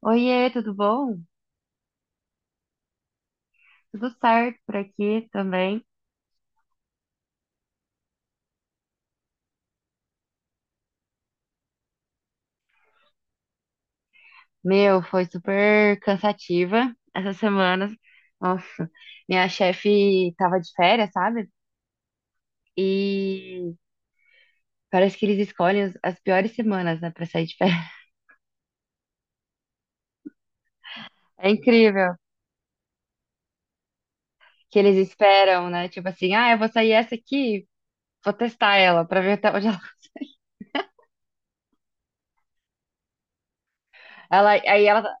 Oiê, tudo bom? Tudo certo por aqui também. Meu, foi super cansativa essas semanas. Nossa, minha chefe tava de férias, sabe? E parece que eles escolhem as piores semanas, né, pra sair de férias. É incrível que eles esperam, né? Tipo assim, ah, eu vou sair essa aqui, vou testar ela pra ver até onde ela. Ela, aí ela,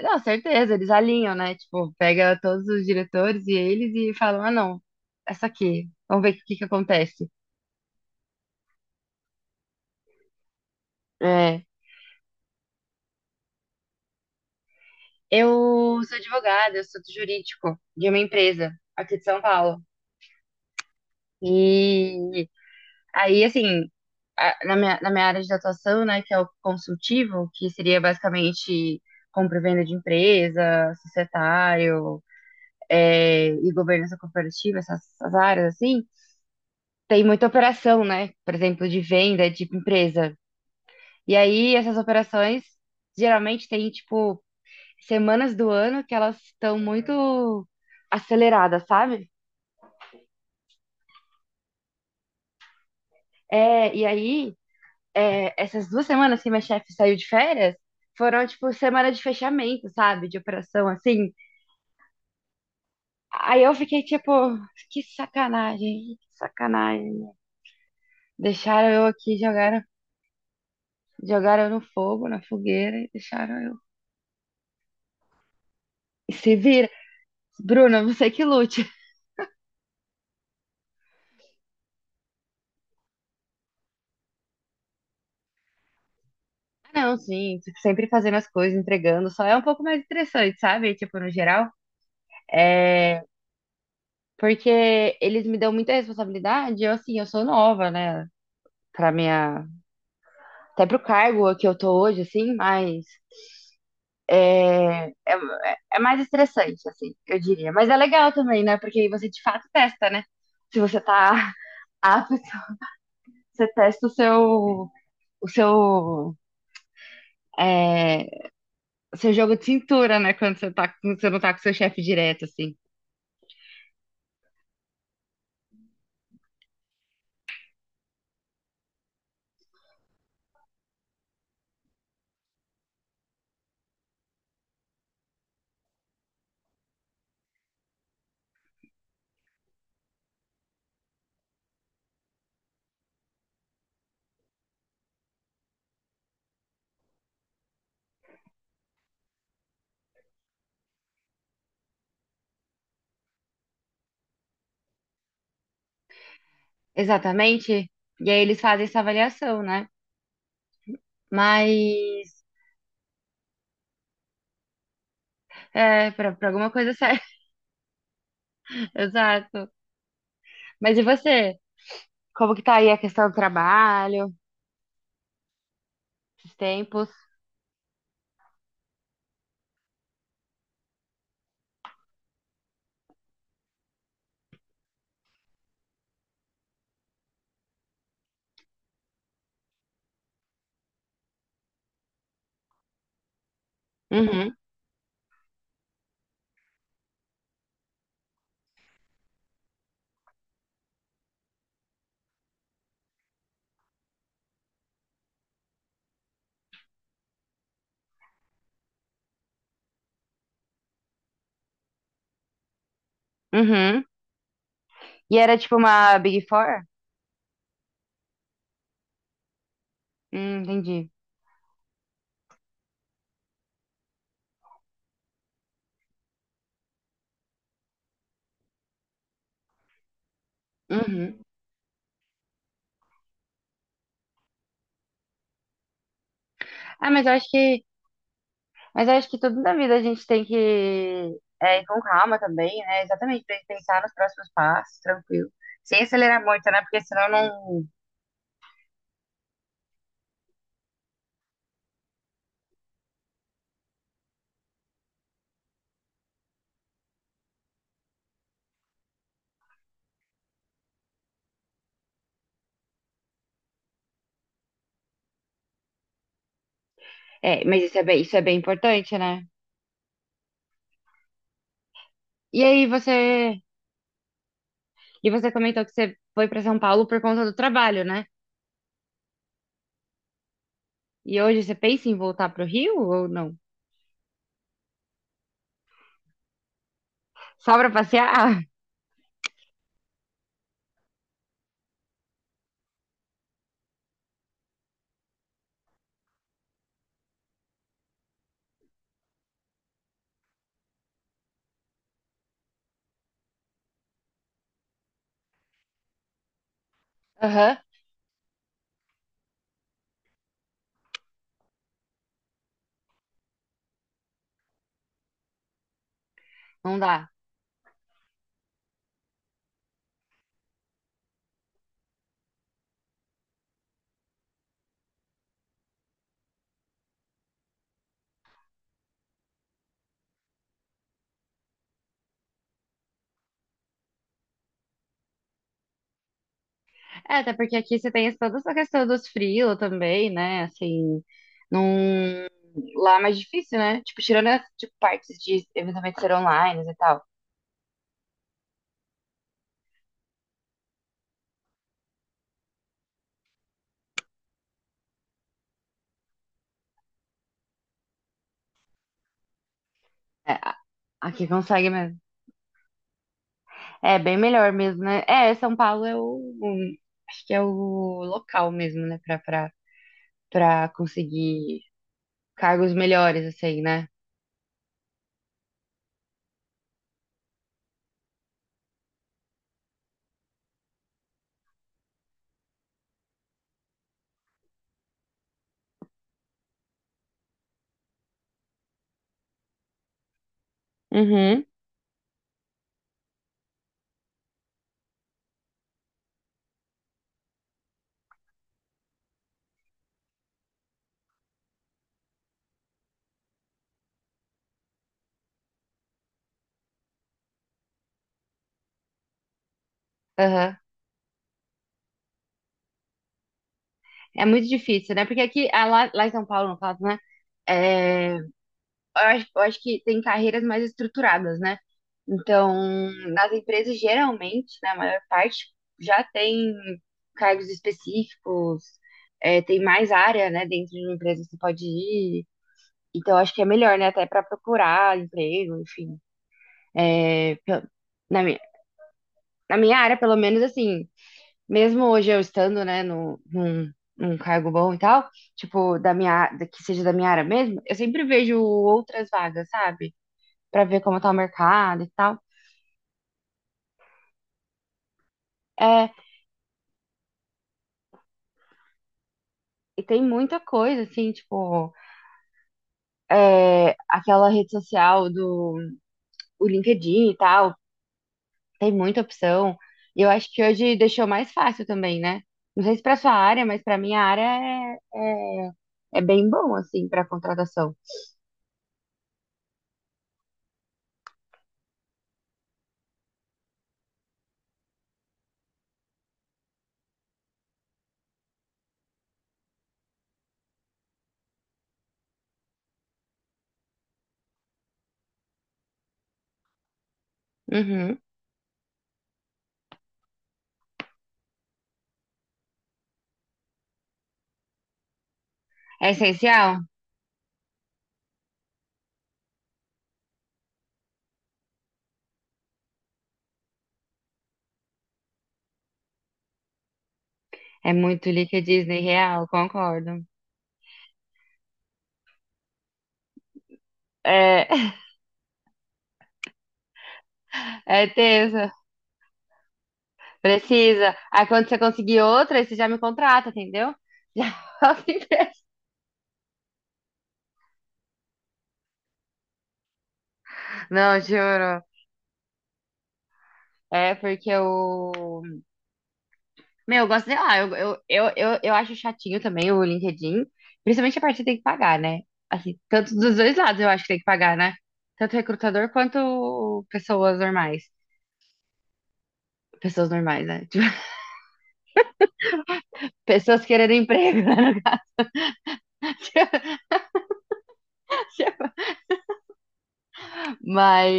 não, certeza, eles alinham, né? Tipo, pega todos os diretores e eles falam, ah, não, essa aqui, vamos ver o que que acontece. É. Eu sou advogada, eu sou do jurídico de uma empresa aqui de São Paulo. E aí, assim, na minha área de atuação, né, que é o consultivo, que seria basicamente compra e venda de empresa, societário, e governança corporativa, essas, essas áreas, assim, tem muita operação, né? Por exemplo, de venda de empresa. E aí, essas operações geralmente tem tipo, semanas do ano que elas estão muito aceleradas, sabe? É, e aí, essas duas semanas que minha chefe saiu de férias foram, tipo, semana de fechamento, sabe? De operação, assim. Aí eu fiquei, tipo, que sacanagem, que sacanagem. Deixaram eu aqui, jogaram, jogaram eu no fogo, na fogueira, e deixaram eu. E se vira. Bruna, você que lute. Ah, não, sim, sempre fazendo as coisas, entregando, só é um pouco mais interessante, sabe? Tipo, no geral. É, porque eles me dão muita responsabilidade, eu assim, eu sou nova, né? Pra minha. Até pro cargo que eu tô hoje, assim, mas é, é, é mais estressante, assim, eu diria. Mas é legal também, né? Porque aí você de fato testa, né? Se você tá apto, você testa o seu, é, o seu jogo de cintura, né? Quando você tá, quando você não tá com seu chefe direto, assim. Exatamente. E aí eles fazem essa avaliação, né? Mas pra, pra alguma coisa serve. Exato. Mas e você? Como que tá aí a questão do trabalho, esses tempos? Uhum, uhum. E era tipo uma Big Four? Entendi. Uhum. Ah, mas eu acho que, mas eu acho que tudo na vida a gente tem que ir com calma também, né? Exatamente, pra gente pensar nos próximos passos, tranquilo. Sem acelerar muito, né? Porque senão não. É, mas isso é bem importante, né? E aí você, e você comentou que você foi pra São Paulo por conta do trabalho, né? E hoje você pensa em voltar pro Rio ou não? Só pra passear? Aham. Não dá. É, até porque aqui você tem toda essa questão dos frios também, né? Assim, num... lá é mais difícil, né? Tipo, tirando as tipo, partes de eventualmente ser online e tal. É, aqui consegue mesmo. É bem melhor mesmo, né? É, São Paulo é acho que é o local mesmo, né? Pra conseguir cargos melhores, assim, né? Uhum. Aham. É muito difícil, né? Porque aqui, ah, lá em São Paulo, no caso, né? É, eu acho que tem carreiras mais estruturadas, né? Então, nas empresas, geralmente, na maior parte, já tem cargos específicos, tem mais área, né? Dentro de uma empresa que você pode ir. Então, eu acho que é melhor, né? Até para procurar emprego, enfim. É, pe- na minha, na minha área, pelo menos, assim, mesmo hoje eu estando, né, no, num, num cargo bom e tal, tipo, da minha, á- da- que seja da minha área mesmo, eu sempre vejo outras vagas, sabe? Pra ver como tá o mercado e tal. É, e tem muita coisa, assim, tipo, aquela rede social do o LinkedIn e tal, tem muita opção. E eu acho que hoje deixou mais fácil também, né? Não sei se pra sua área, mas pra minha área é bem bom, assim, pra contratação. Uhum. É essencial? É muito Lica Disney real, concordo. É, é tenso. Precisa. Aí quando você conseguir outra, aí você já me contrata, entendeu? Já faço empresa. Não, juro. É porque eu. Meu, eu gosto, sei lá, eu acho chatinho também o LinkedIn. Principalmente a parte que tem que pagar, né? Assim, tanto dos dois lados eu acho que tem que pagar, né? Tanto recrutador quanto pessoas normais. Pessoas normais, né? Tipo, pessoas querendo emprego, né? Mas.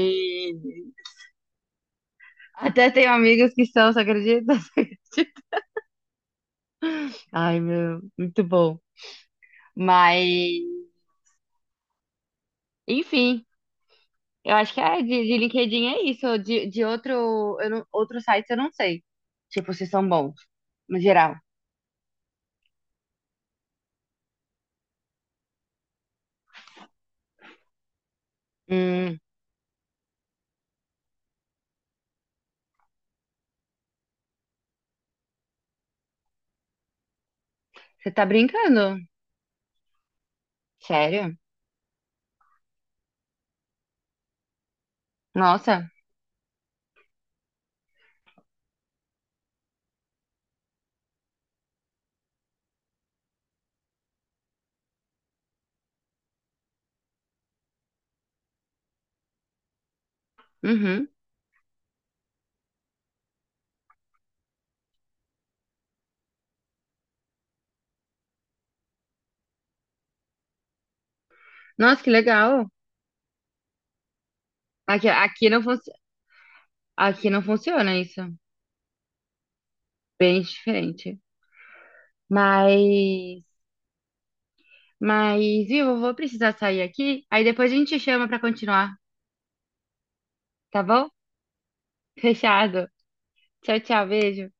Até tenho amigas que são, você acredita? Você acredita? Ai, meu, muito bom. Mas, enfim, eu acho que é de LinkedIn é isso. De outro, eu não, outro site eu não sei. Tipo, se são bons, no geral. Hum, você tá brincando? Sério? Nossa. Uhum. Nossa, que legal. Aqui, aqui não funciona isso. Bem diferente. Mas, mas, viu, eu vou precisar sair aqui. Aí depois a gente chama pra continuar, tá bom? Fechado. Tchau, tchau. Beijo.